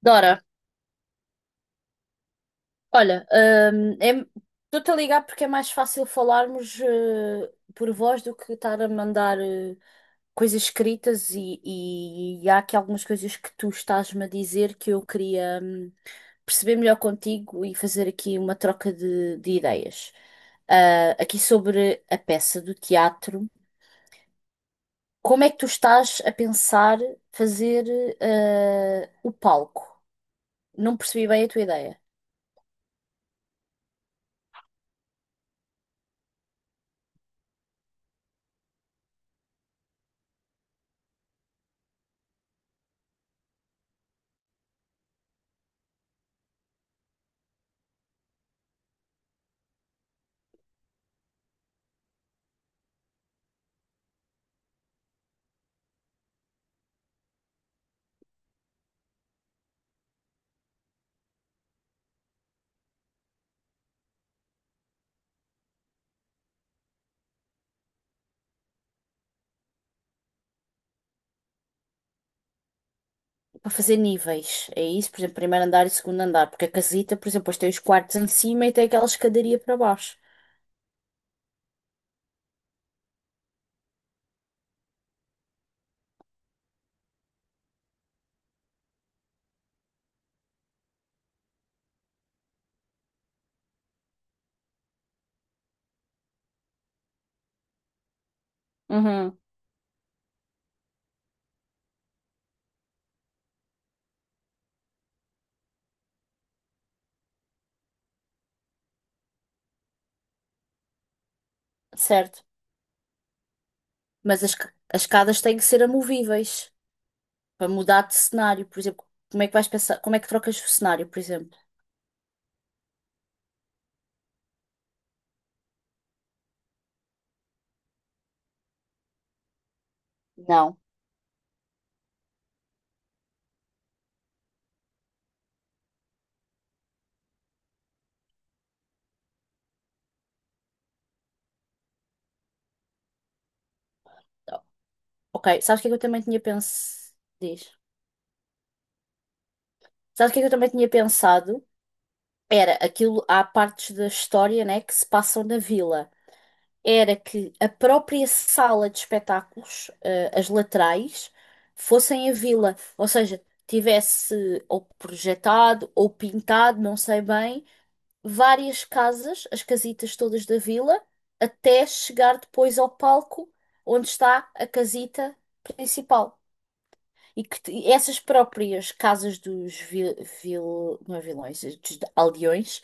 Dora, olha, hum, é- estou-te a ligar porque é mais fácil falarmos por voz do que estar a mandar coisas escritas e há aqui algumas coisas que tu estás-me a dizer que eu queria perceber melhor contigo e fazer aqui uma troca de ideias. Aqui sobre a peça do teatro. Como é que tu estás a pensar fazer o palco? Não percebi bem a tua ideia. Para fazer níveis. É isso, por exemplo, primeiro andar e segundo andar. Porque a casita, por exemplo, depois tem os quartos em cima e tem aquela escadaria para baixo. Uhum, certo. Mas as escadas têm que ser amovíveis para mudar de cenário. Por exemplo, como é que vais pensar? Como é que trocas o cenário, por exemplo? Não. Ok, sabes o que é que eu também tinha pensado? Diz. Sabes o que é que eu também tinha pensado? Era aquilo, há partes da história, né, que se passam na vila. Era que a própria sala de espetáculos, as laterais, fossem a vila, ou seja, tivesse ou projetado ou pintado, não sei bem, várias casas, as casitas todas da vila, até chegar depois ao palco onde está a casita principal. E que essas próprias casas não é vilões, dos aldeões,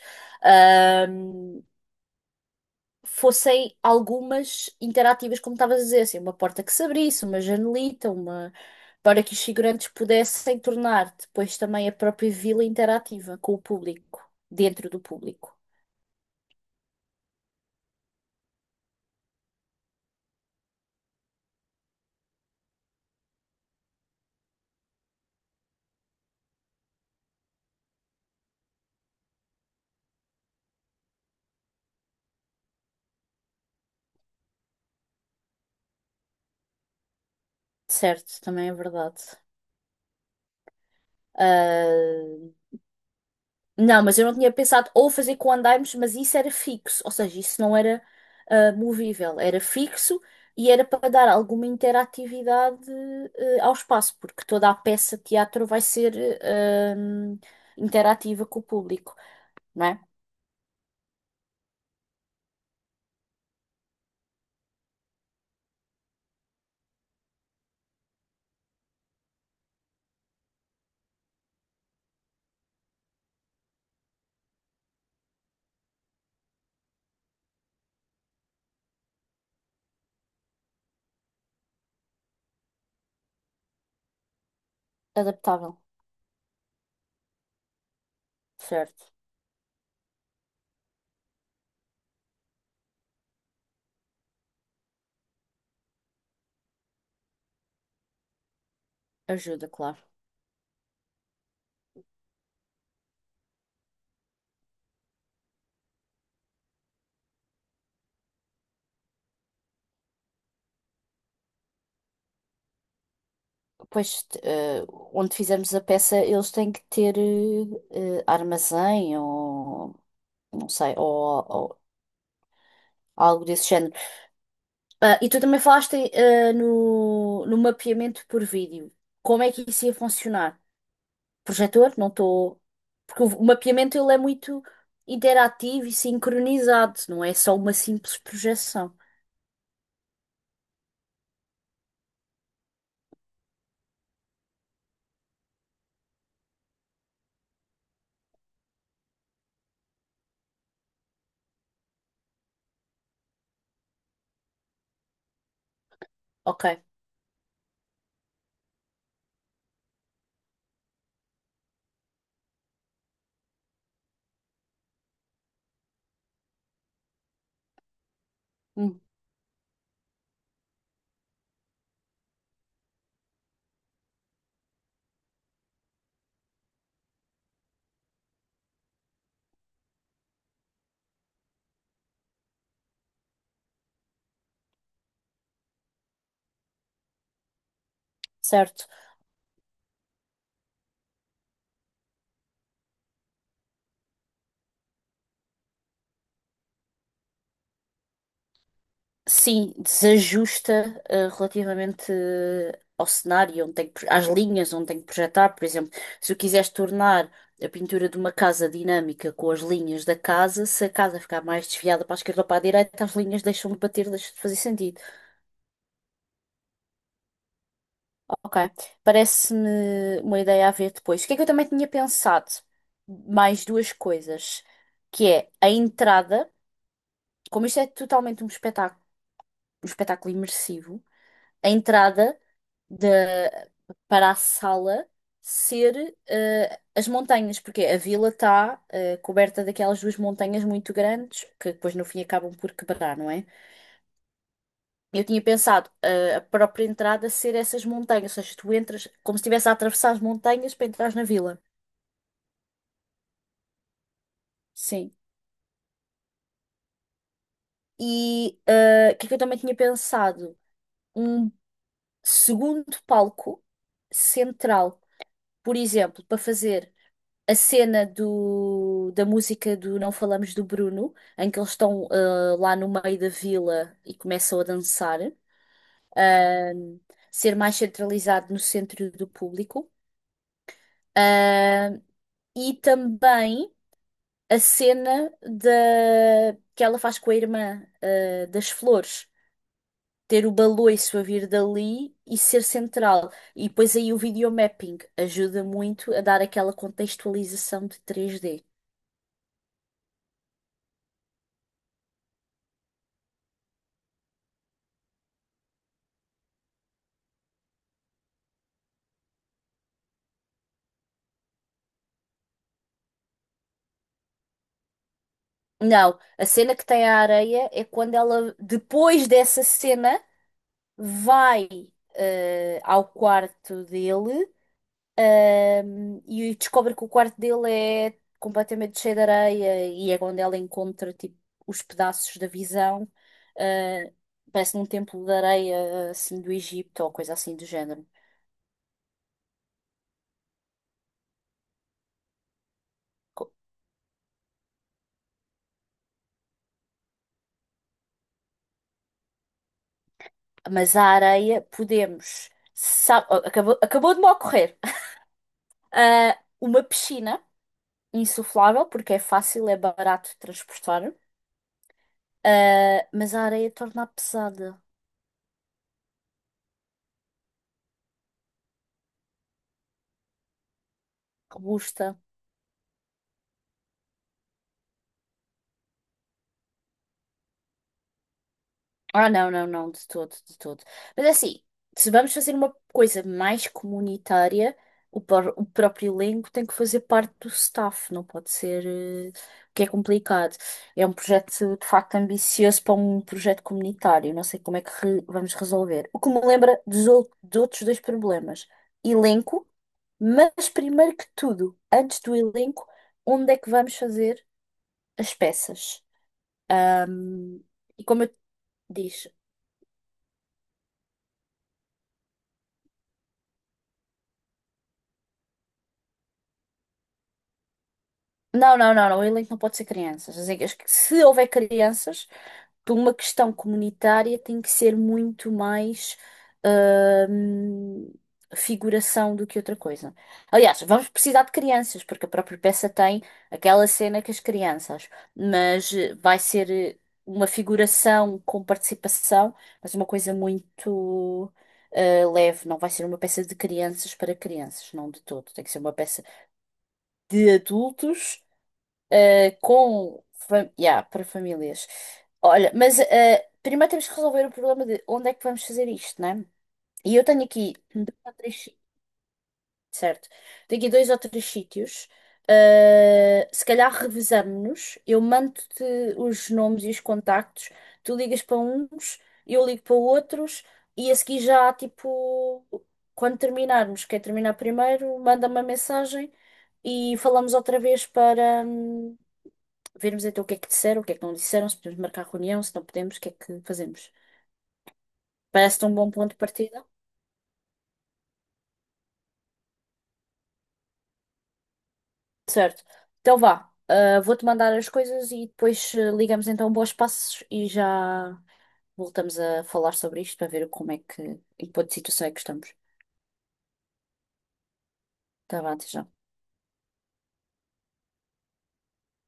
fossem algumas interativas, como estavas a dizer, assim, uma porta que se abrisse, uma janelita, uma... Para que os figurantes pudessem tornar depois também a própria vila interativa com o público, dentro do público. Certo, também é verdade. Ah, Não, mas eu não tinha pensado ou fazer com andaimes, mas isso era fixo, ou seja, isso não era movível, era fixo e era para dar alguma interatividade ao espaço, porque toda a peça de teatro vai ser ah, interativa com o público, não é? Adaptável, certo? Ajuda, claro. Pois, onde fizermos a peça, eles têm que ter armazém ou não sei, ou algo desse género. Ah, e tu também falaste, ah, no mapeamento por vídeo. Como é que isso ia funcionar? Projetor? Não estou. Porque o mapeamento ele é muito interativo e sincronizado, não é só uma simples projeção. Ok. Hum, certo. Sim, desajusta relativamente ao cenário, onde tem que, às linhas onde tem que projetar. Por exemplo, se eu quisesse tornar a pintura de uma casa dinâmica com as linhas da casa, se a casa ficar mais desviada para a esquerda ou para a direita, as linhas deixam de bater, deixam de fazer sentido. Ok, parece-me uma ideia a ver depois. O que é que eu também tinha pensado? Mais duas coisas, que é a entrada, como isto é totalmente um espetáculo imersivo. A entrada da para a sala ser as montanhas, porque a vila está coberta daquelas duas montanhas muito grandes que depois no fim acabam por quebrar, não é? Eu tinha pensado a própria entrada ser essas montanhas, ou seja, tu entras como se estivesse a atravessar as montanhas para entrar na vila. Sim. E o que é que eu também tinha pensado? Um segundo palco central, por exemplo, para fazer. A cena da música do Não Falamos do Bruno, em que eles estão lá no meio da vila e começam a dançar, ah, ser mais centralizado no centro do público. Ah, e também a cena que ela faz com a irmã, das flores. Ter o baloiço a vir dali e ser central. E depois aí o videomapping ajuda muito a dar aquela contextualização de três d. Não, a cena que tem a areia é quando ela, depois dessa cena, vai ao quarto dele e descobre que o quarto dele é completamente cheio de areia e é quando ela encontra tipo, os pedaços da visão. eh, Parece num templo de areia assim do Egito ou coisa assim do género. Co- Mas a areia podemos. Acabou, acabou de me ocorrer. Ah, uma piscina insuflável, porque é fácil, é barato de transportar, ah, mas a areia torna-a pesada, robusta. Ah, não, não, não, de todo, de todo. Mas é assim, se vamos fazer uma coisa mais comunitária, o próprio elenco tem que fazer parte do staff, não pode ser, o que é complicado. É um projeto de facto ambicioso para um projeto comunitário, não sei como é que vamos resolver. O que me lembra de outros dois problemas: elenco, mas primeiro que tudo, antes do elenco, onde é que vamos fazer as peças? Ahm, e como eu disse. Não, não, não, não. O elenco não pode ser crianças. Se houver crianças, por uma questão comunitária, tem que ser muito mais hum, figuração do que outra coisa. Aliás, vamos precisar de crianças, porque a própria peça tem aquela cena com as crianças, mas vai ser uma figuração com participação, mas uma coisa muito leve. Não vai ser uma peça de crianças para crianças, não de todo. Tem que ser uma peça de adultos. Com yeah, para famílias. Olha, mas primeiro temos que resolver o problema de onde é que vamos fazer isto, né? E eu tenho aqui dois ou três, certo? Tenho aqui dois ou três sítios. Se calhar revezamos-nos. Eu mando-te os nomes e os contactos. Tu ligas para uns, eu ligo para outros. E a seguir já, tipo, quando terminarmos, quer terminar primeiro, manda-me uma mensagem e falamos outra vez para, vermos então o que é que disseram, o que é que não disseram, se podemos marcar reunião, se não podemos, o que é que fazemos. Parece-te um bom ponto de partida? Certo. Então vá, vou-te mandar as coisas e depois ligamos então bons passos e já voltamos a falar sobre isto para ver como é que, em que ponto de situação é que estamos. Tá bem, até já.